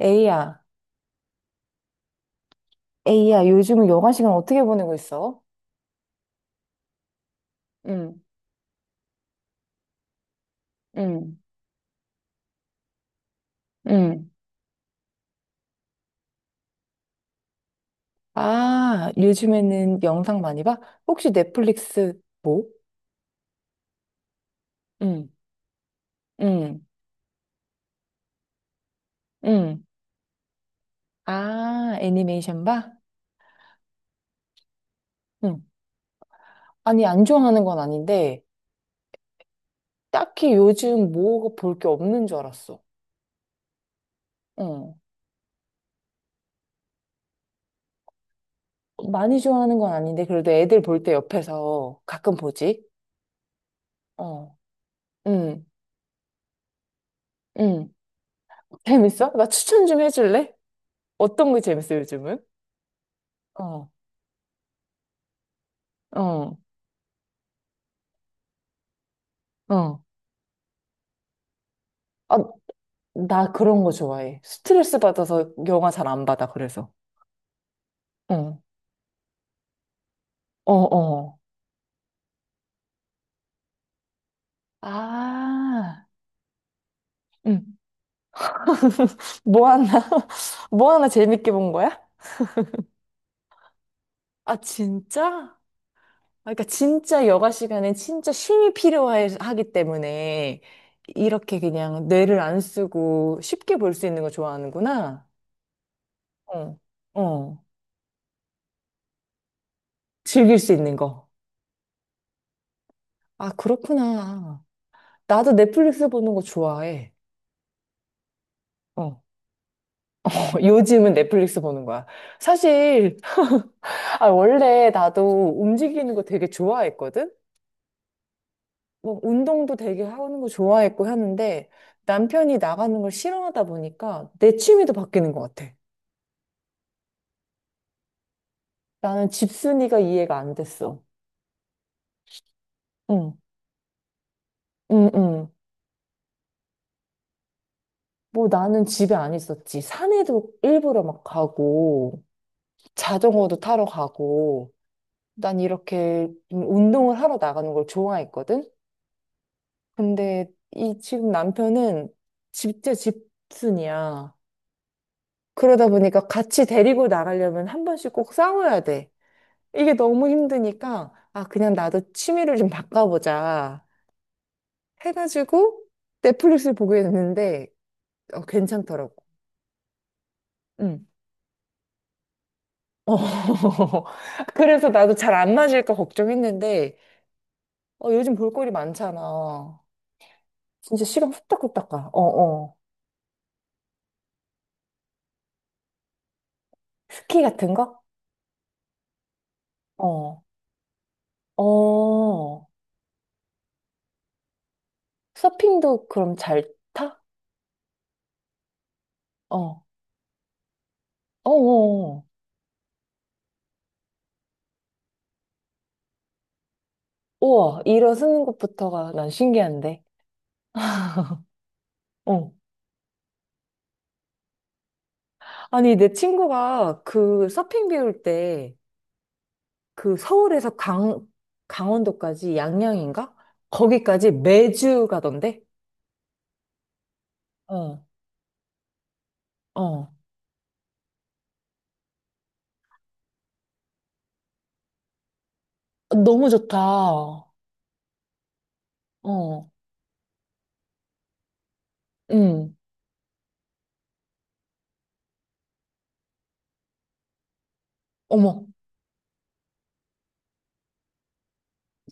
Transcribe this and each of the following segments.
에이야, 에이야, 요즘 여가 시간 어떻게 보내고 있어? 응, 응, 응, 아, 요즘에는 영상 많이 봐? 혹시 넷플릭스 뭐? 응, 응, 응, 아, 애니메이션 봐? 응. 아니, 안 좋아하는 건 아닌데, 딱히 요즘 뭐 볼 게 없는 줄 알았어. 어, 많이 좋아하는 건 아닌데, 그래도 애들 볼 때 옆에서 가끔 보지? 어. 응, 응, 재밌어? 나 추천 좀 해줄래? 어떤 게 재밌어, 요즘은? 어. 어, 어, 아, 나 그런 거 좋아해. 스트레스 받아서 영화 잘 안 받아, 그래서. 어, 어, 어. 아, 응. 뭐 하나, 뭐 하나 재밌게 본 거야? 아, 진짜? 아, 그러니까 진짜 여가 시간엔 진짜 쉼이 필요하기 때문에 이렇게 그냥 뇌를 안 쓰고 쉽게 볼 수 있는 거 좋아하는구나. 어. 어, 즐길 수 있는 거. 아, 그렇구나. 나도 넷플릭스 보는 거 좋아해. 어. 요즘은 넷플릭스 보는 거야. 사실, 아, 원래 나도 움직이는 거 되게 좋아했거든? 뭐, 운동도 되게 하는 거 좋아했고 하는데, 남편이 나가는 걸 싫어하다 보니까 내 취미도 바뀌는 것 같아. 나는 집순이가 이해가 안 됐어. 응, 응, 응. 뭐 나는 집에 안 있었지. 산에도 일부러 막 가고, 자전거도 타러 가고, 난 이렇게 좀 운동을 하러 나가는 걸 좋아했거든? 근데 이 지금 남편은 진짜 집순이야. 그러다 보니까 같이 데리고 나가려면 한 번씩 꼭 싸워야 돼. 이게 너무 힘드니까, 아, 그냥 나도 취미를 좀 바꿔보자. 해가지고 넷플릭스를 보게 됐는데, 어, 괜찮더라고. 응. 어. 그래서 나도 잘 안 맞을까 걱정했는데, 어, 요즘 볼거리 많잖아. 진짜 시간 후딱후딱 가. 어, 어. 스키 같은 거? 어. 어. 서핑도 그럼 잘 타? 어. 어, 어. 우와, 일어서는 것부터가 난 신기한데. 어. 아니, 내 친구가 그 서핑 배울 때 그 서울에서 강, 강원도까지 양양인가? 거기까지 매주 가던데? 어, 어. 너무 좋다. 어, 응. 어머,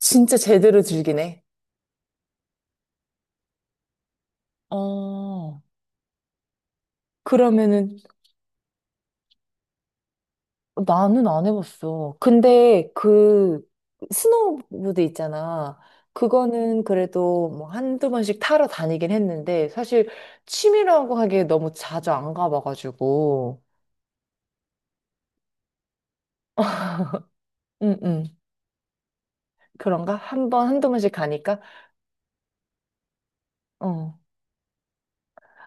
진짜 제대로 즐기네. 어, 그러면은 나는 안 해봤어. 근데 그 스노우보드 있잖아. 그거는 그래도 뭐 한두 번씩 타러 다니긴 했는데 사실 취미라고 하기에 너무 자주 안 가봐가지고. 응, 응. 그런가? 한 번, 한두 번씩 가니까? 어.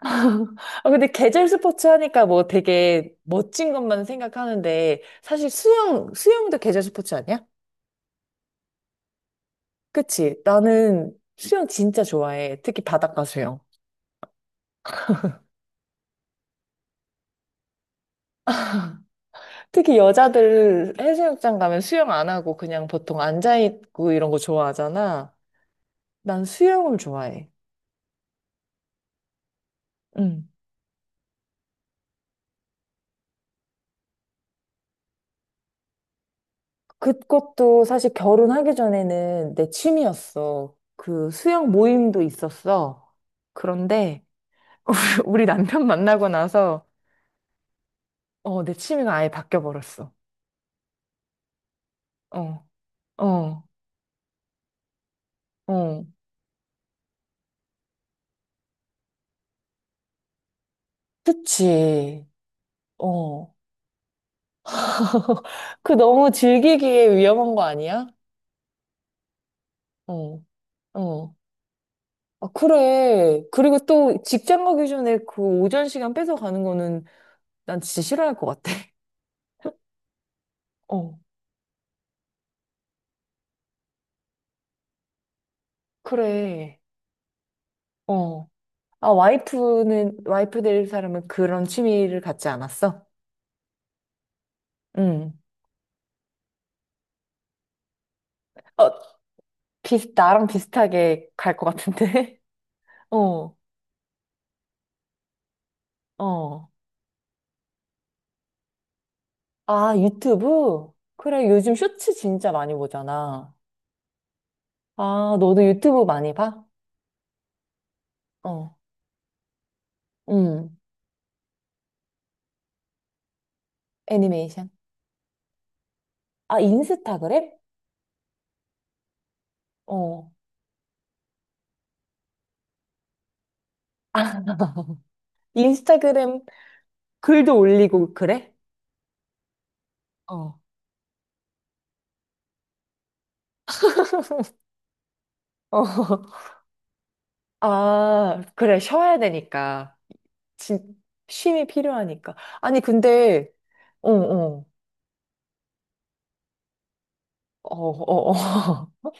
아, 근데 계절 스포츠 하니까 뭐 되게 멋진 것만 생각하는데 사실 수영, 수영도 계절 스포츠 아니야? 그치? 나는 수영 진짜 좋아해. 특히 바닷가 수영. 특히 여자들 해수욕장 가면 수영 안 하고 그냥 보통 앉아있고 이런 거 좋아하잖아. 난 수영을 좋아해. 응. 그것도 사실 결혼하기 전에는 내 취미였어. 그 수영 모임도 있었어. 그런데 우리 남편 만나고 나서 어, 내 취미가 아예 바뀌어 버렸어. 어, 어, 어. 그치. 어. 그 너무 즐기기에 위험한 거 아니야? 어, 어. 아, 그래. 그리고 또 직장 가기 전에 그 오전 시간 뺏어 가는 거는 난 진짜 싫어할 것 같아. 어, 그래. 어. 아, 와이프 될 사람은 그런 취미를 갖지 않았어? 응. 어, 나랑 비슷하게 갈 것 같은데? 어, 어. 아, 유튜브? 그래, 요즘 쇼츠 진짜 많이 보잖아. 아, 너도 유튜브 많이 봐? 어, 응. 애니메이션. 아, 인스타그램? 어. 인스타그램 글도 올리고 그래? 어. 어, 아, 그래, 쉬어야 되니까. 진, 쉼이 필요하니까. 아니, 근데, 어, 어, 어, 어, 어.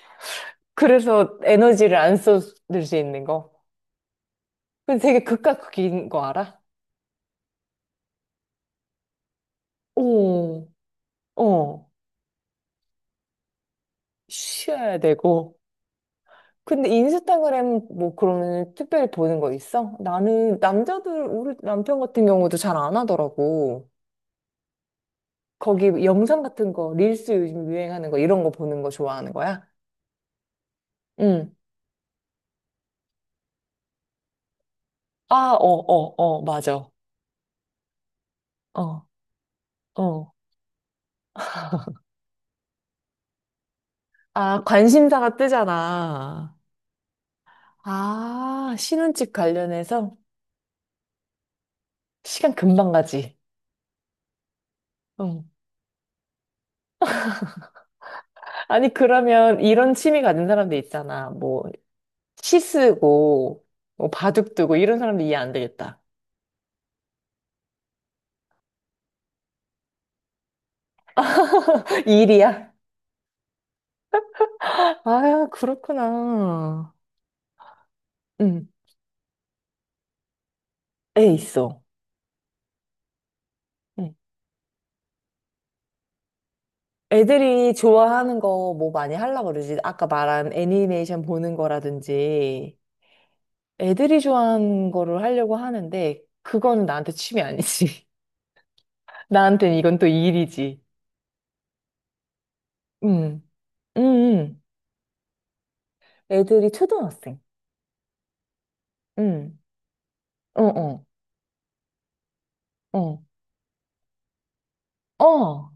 그래서 에너지를 안 쏟을 수 있는 거. 근데 되게 극과 극인 거 알아? 오, 어, 쉬어야 되고. 근데 인스타그램 뭐 그러면 특별히 보는 거 있어? 나는 남자들, 우리 남편 같은 경우도 잘 안 하더라고. 거기 영상 같은 거, 릴스 요즘 유행하는 거, 이런 거 보는 거 좋아하는 거야? 응. 아, 어, 어, 어, 맞아. 어, 어. 아, 관심사가 뜨잖아. 아, 신혼집 관련해서 시간 금방 가지. 응. 아니, 그러면 이런 취미 가진 사람들 있잖아. 뭐, 시 쓰고, 뭐, 바둑 두고, 이런 사람들 이해 안 되겠다. 일이야? 아, 그렇구나. 응, 애 있어. 응. 애들이 좋아하는 거 뭐 많이 하려고 그러지? 아까 말한 애니메이션 보는 거라든지 애들이 좋아하는 거를 하려고 하는데 그거는 나한테 취미 아니지. 나한테는 이건 또 일이지. 음, 음, 음. 애들이 초등학생. 음, 어, 어, 어, 어,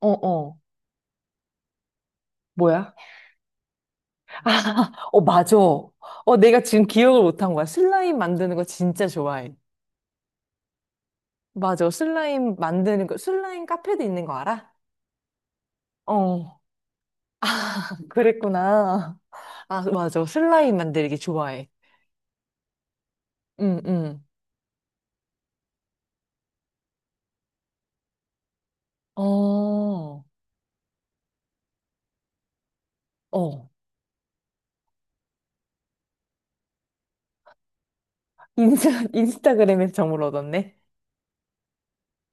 어, 어. 뭐야? 아, 어, 맞아. 어, 내가 지금 기억을 못 한 거야. 슬라임 만드는 거 진짜 좋아해. 맞아. 슬라임 만드는 거, 슬라임 카페도 있는 거 알아? 어. 아, 그랬구나. 아, 맞아. 슬라임 만들기 좋아해. 응, 응. 어, 어. 인스타그램에서 정보를 얻었네.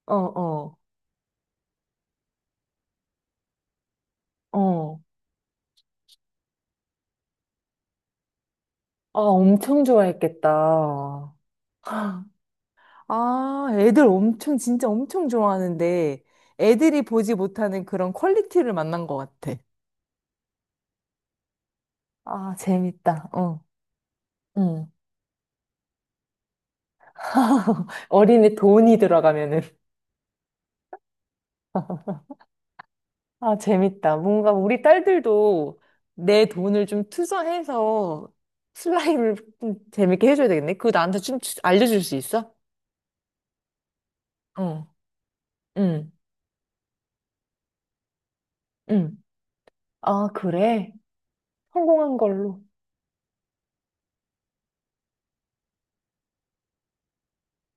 어, 어, 어. 아, 엄청 좋아했겠다. 아, 애들 엄청, 진짜 엄청 좋아하는데, 애들이 보지 못하는 그런 퀄리티를 만난 것 같아. 아, 재밌다. 어. 응. 어린애 돈이 들어가면은. 아, 재밌다. 뭔가 우리 딸들도 내 돈을 좀 투자해서 슬라임을 좀 재밌게 해줘야 되겠네. 그거 나한테 좀 알려줄 수 있어? 어, 응, 응. 아, 그래? 성공한 걸로.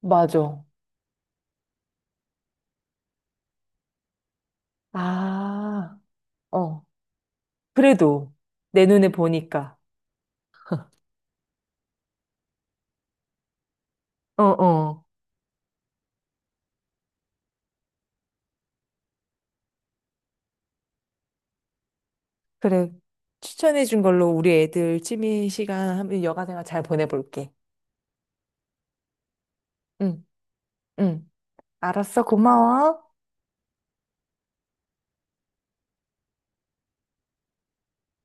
맞아. 아, 어. 그래도 내 눈에 보니까. 어, 어. 그래. 추천해준 걸로 우리 애들 취미 시간 하면 여가생활 잘 보내볼게. 응, 응. 알았어. 고마워.